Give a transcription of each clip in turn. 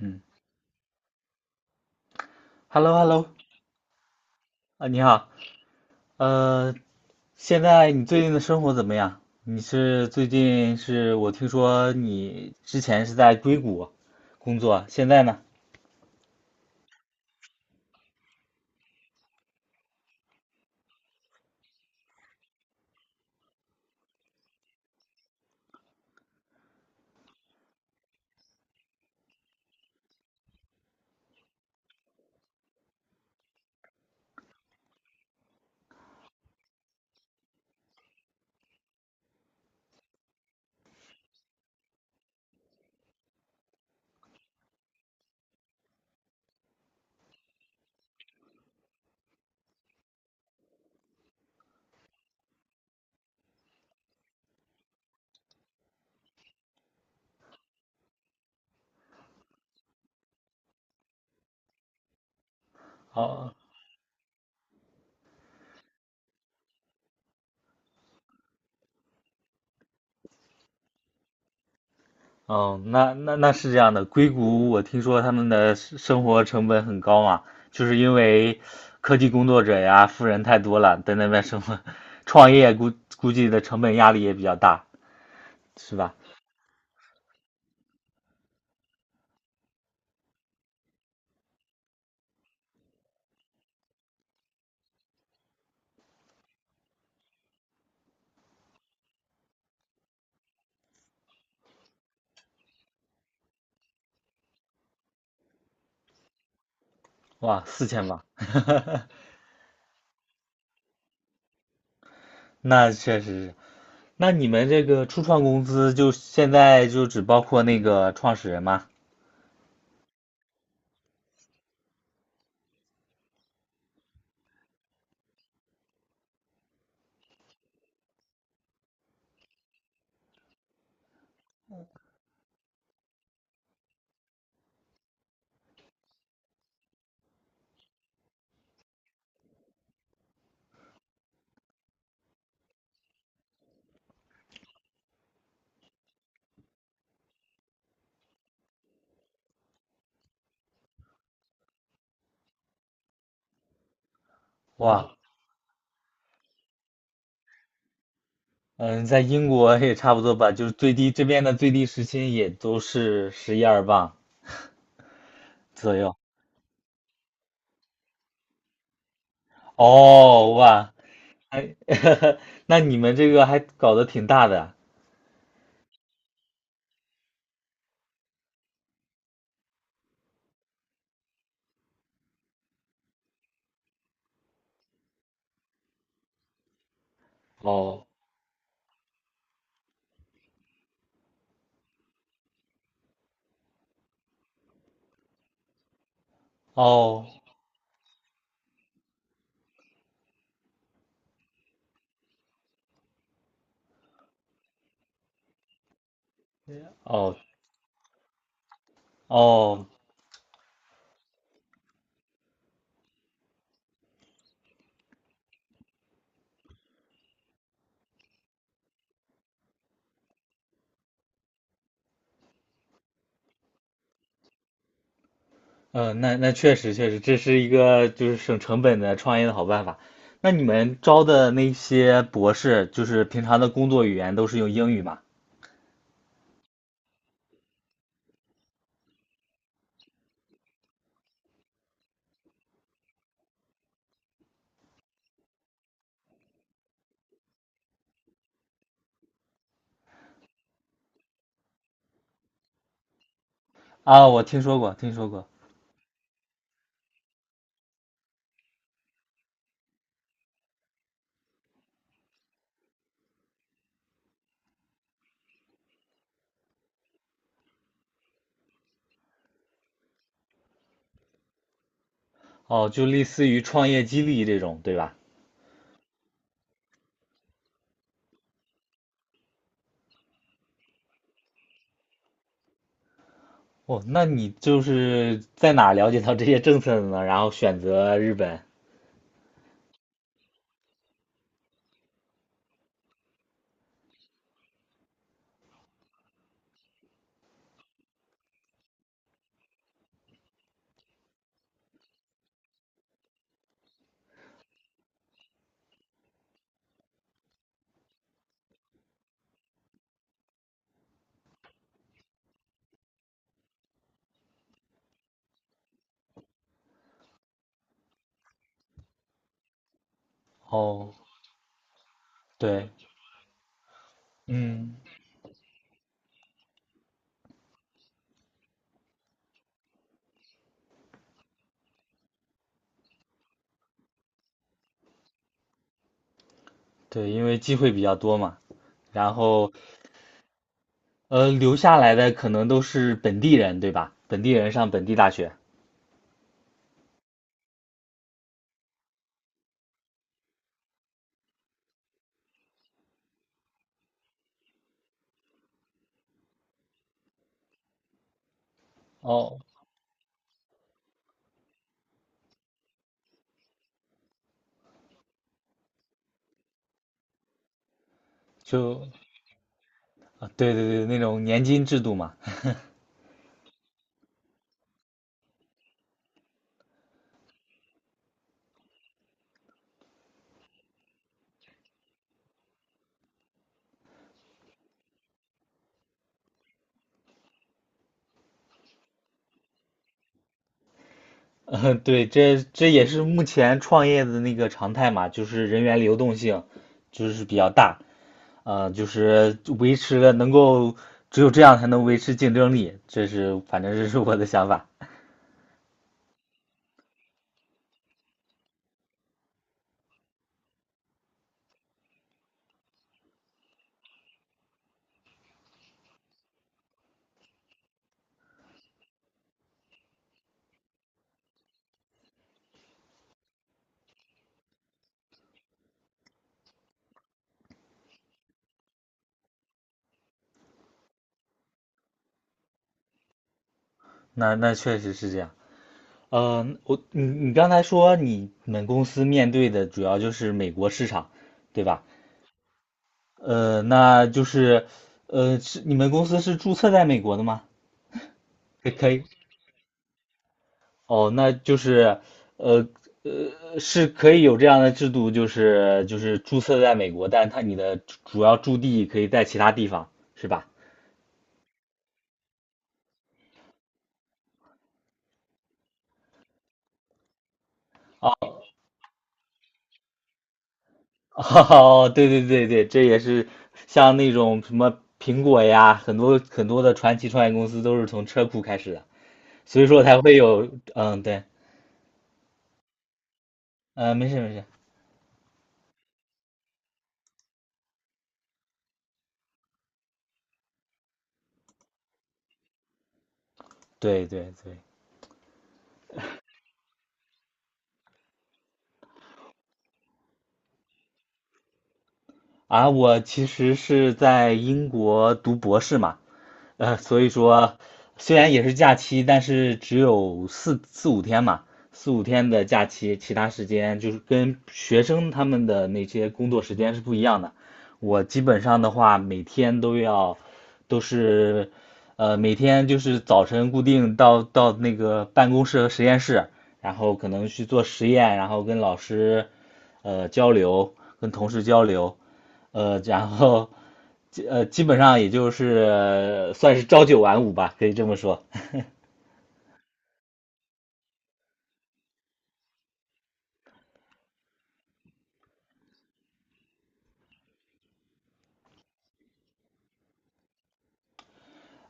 嗯，Hello Hello，啊，你好，呃，现在你最近的生活怎么样？最近是我听说你之前是在硅谷工作，现在呢？哦哦，那是这样的，硅谷我听说他们的生活成本很高嘛，就是因为科技工作者呀，富人太多了，在那边生活，创业估计的成本压力也比较大，是吧？哇，四千吧，那确实是。那你们这个初创公司就现在就只包括那个创始人吗？哇，嗯，在英国也差不多吧，就是最低这边的最低时薪也都是十一二磅左右。哦，哇，哎，那你们这个还搞得挺大的。哦，哦，哦，哦，嗯，那确实确实，这是一个就是省成本的创业的好办法。那你们招的那些博士，就是平常的工作语言都是用英语吗？啊，我听说过，听说过。哦，就类似于创业激励这种，对吧？哦，那你就是在哪了解到这些政策的呢？然后选择日本。哦，对，嗯，对，因为机会比较多嘛。然后，留下来的可能都是本地人，对吧？本地人上本地大学。哦，就，啊，对对对，那种年金制度嘛。嗯，对，这也是目前创业的那个常态嘛，就是人员流动性就是比较大，就是维持了能够只有这样才能维持竞争力，反正这是我的想法。那确实是这样。我你刚才说你们公司面对的主要就是美国市场，对吧？那就是是你们公司是注册在美国的吗？可以。哦，那就是，呃是可以有这样的制度，就是注册在美国，但是你的主要驻地可以在其他地方，是吧？哦 哦，对对对对，这也是像那种什么苹果呀，很多很多的传奇创业公司都是从车库开始的，所以说才会有，嗯，对，嗯，没事没事，对对对，啊，我其实是在英国读博士嘛。所以说虽然也是假期，但是只有四五天嘛，四五天的假期，其他时间就是跟学生他们的那些工作时间是不一样的。我基本上的话，每天都要都是呃每天就是早晨固定到那个办公室和实验室，然后可能去做实验，然后跟老师交流，跟同事交流。呃，然后基本上也就是算是朝九晚五吧，可以这么说。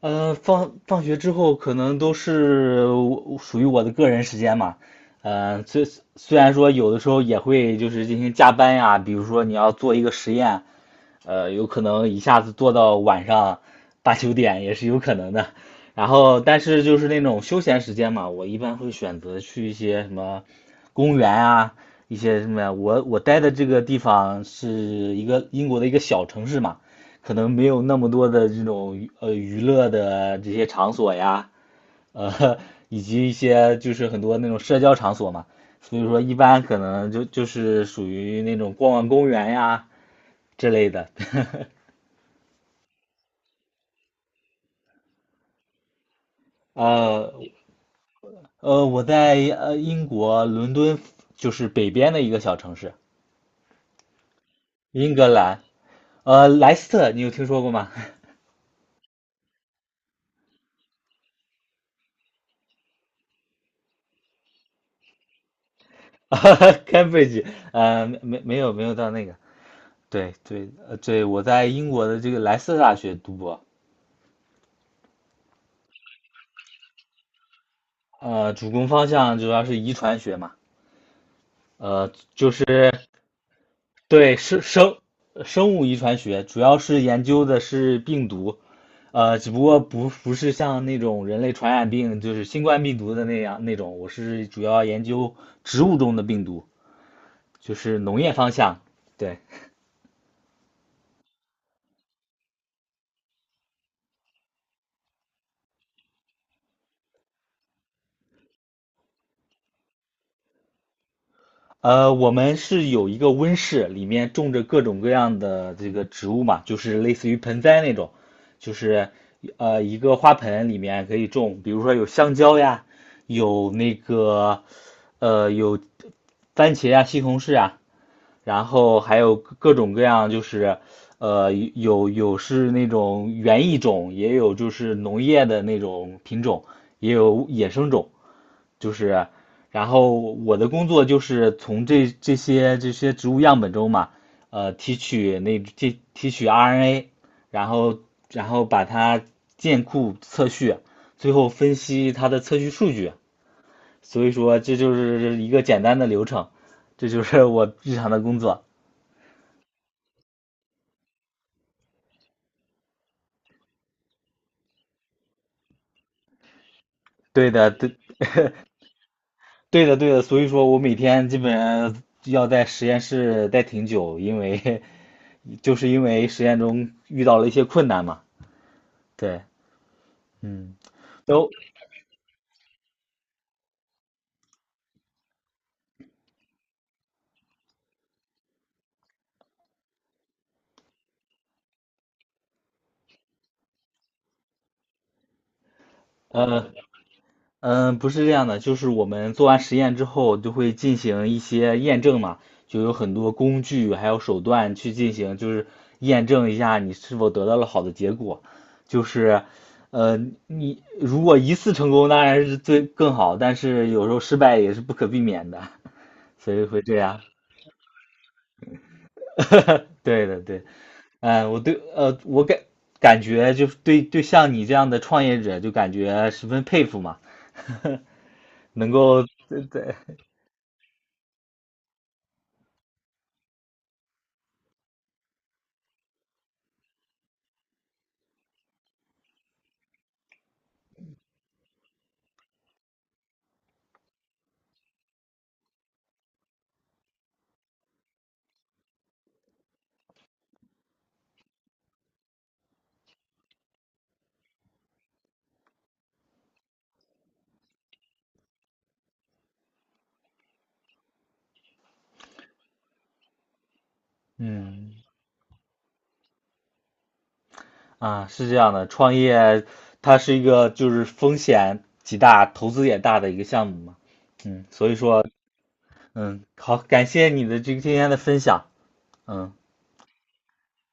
放学之后可能都是我属于我的个人时间嘛。呃，虽虽然说有的时候也会就是进行加班呀，比如说你要做一个实验，有可能一下子做到晚上八九点也是有可能的。然后，但是就是那种休闲时间嘛，我一般会选择去一些什么公园啊，一些什么呀。我待的这个地方是一个英国的一个小城市嘛，可能没有那么多的这种娱乐的这些场所呀，呃，以及一些就是很多那种社交场所嘛，所以说一般可能就是属于那种逛逛公园呀之类的。呃我在英国伦敦，就是北边的一个小城市，英格兰，莱斯特，你有听说过吗？ 啊？Cambridge，没有到那个，对对对，我在英国的这个莱斯特大学读博。主攻方向主要是遗传学嘛，就是对生物遗传学，主要是研究的是病毒，只不过不是像那种人类传染病，就是新冠病毒的那样那种，我是主要研究植物中的病毒，就是农业方向，对。我们是有一个温室，里面种着各种各样的这个植物嘛，就是类似于盆栽那种，就是一个花盆里面可以种，比如说有香蕉呀，有那个呃有番茄呀、西红柿啊，然后还有各种各样就是呃有有是那种园艺种，也有就是农业的那种品种，也有野生种。就是，然后我的工作就是从这些植物样本中嘛，提取RNA，然后把它建库测序，最后分析它的测序数据。所以说这就是一个简单的流程，这就是我日常的工作。对的，对，对的，对的。所以说我每天基本上要在实验室待挺久，因为 就是因为实验中遇到了一些困难嘛。对。嗯，都呃，嗯，不是这样的，就是我们做完实验之后，就会进行一些验证嘛，就有很多工具还有手段去进行，就是验证一下你是否得到了好的结果。就是，呃，你如果一次成功，当然是更好，但是有时候失败也是不可避免的，所以会这样。对的，对，嗯，我感觉就是对对像你这样的创业者，就感觉十分佩服嘛。对对，嗯啊，是这样的，创业它是一个就是风险极大、投资也大的一个项目嘛，嗯，所以说嗯，好，感谢你的这个今天的分享，嗯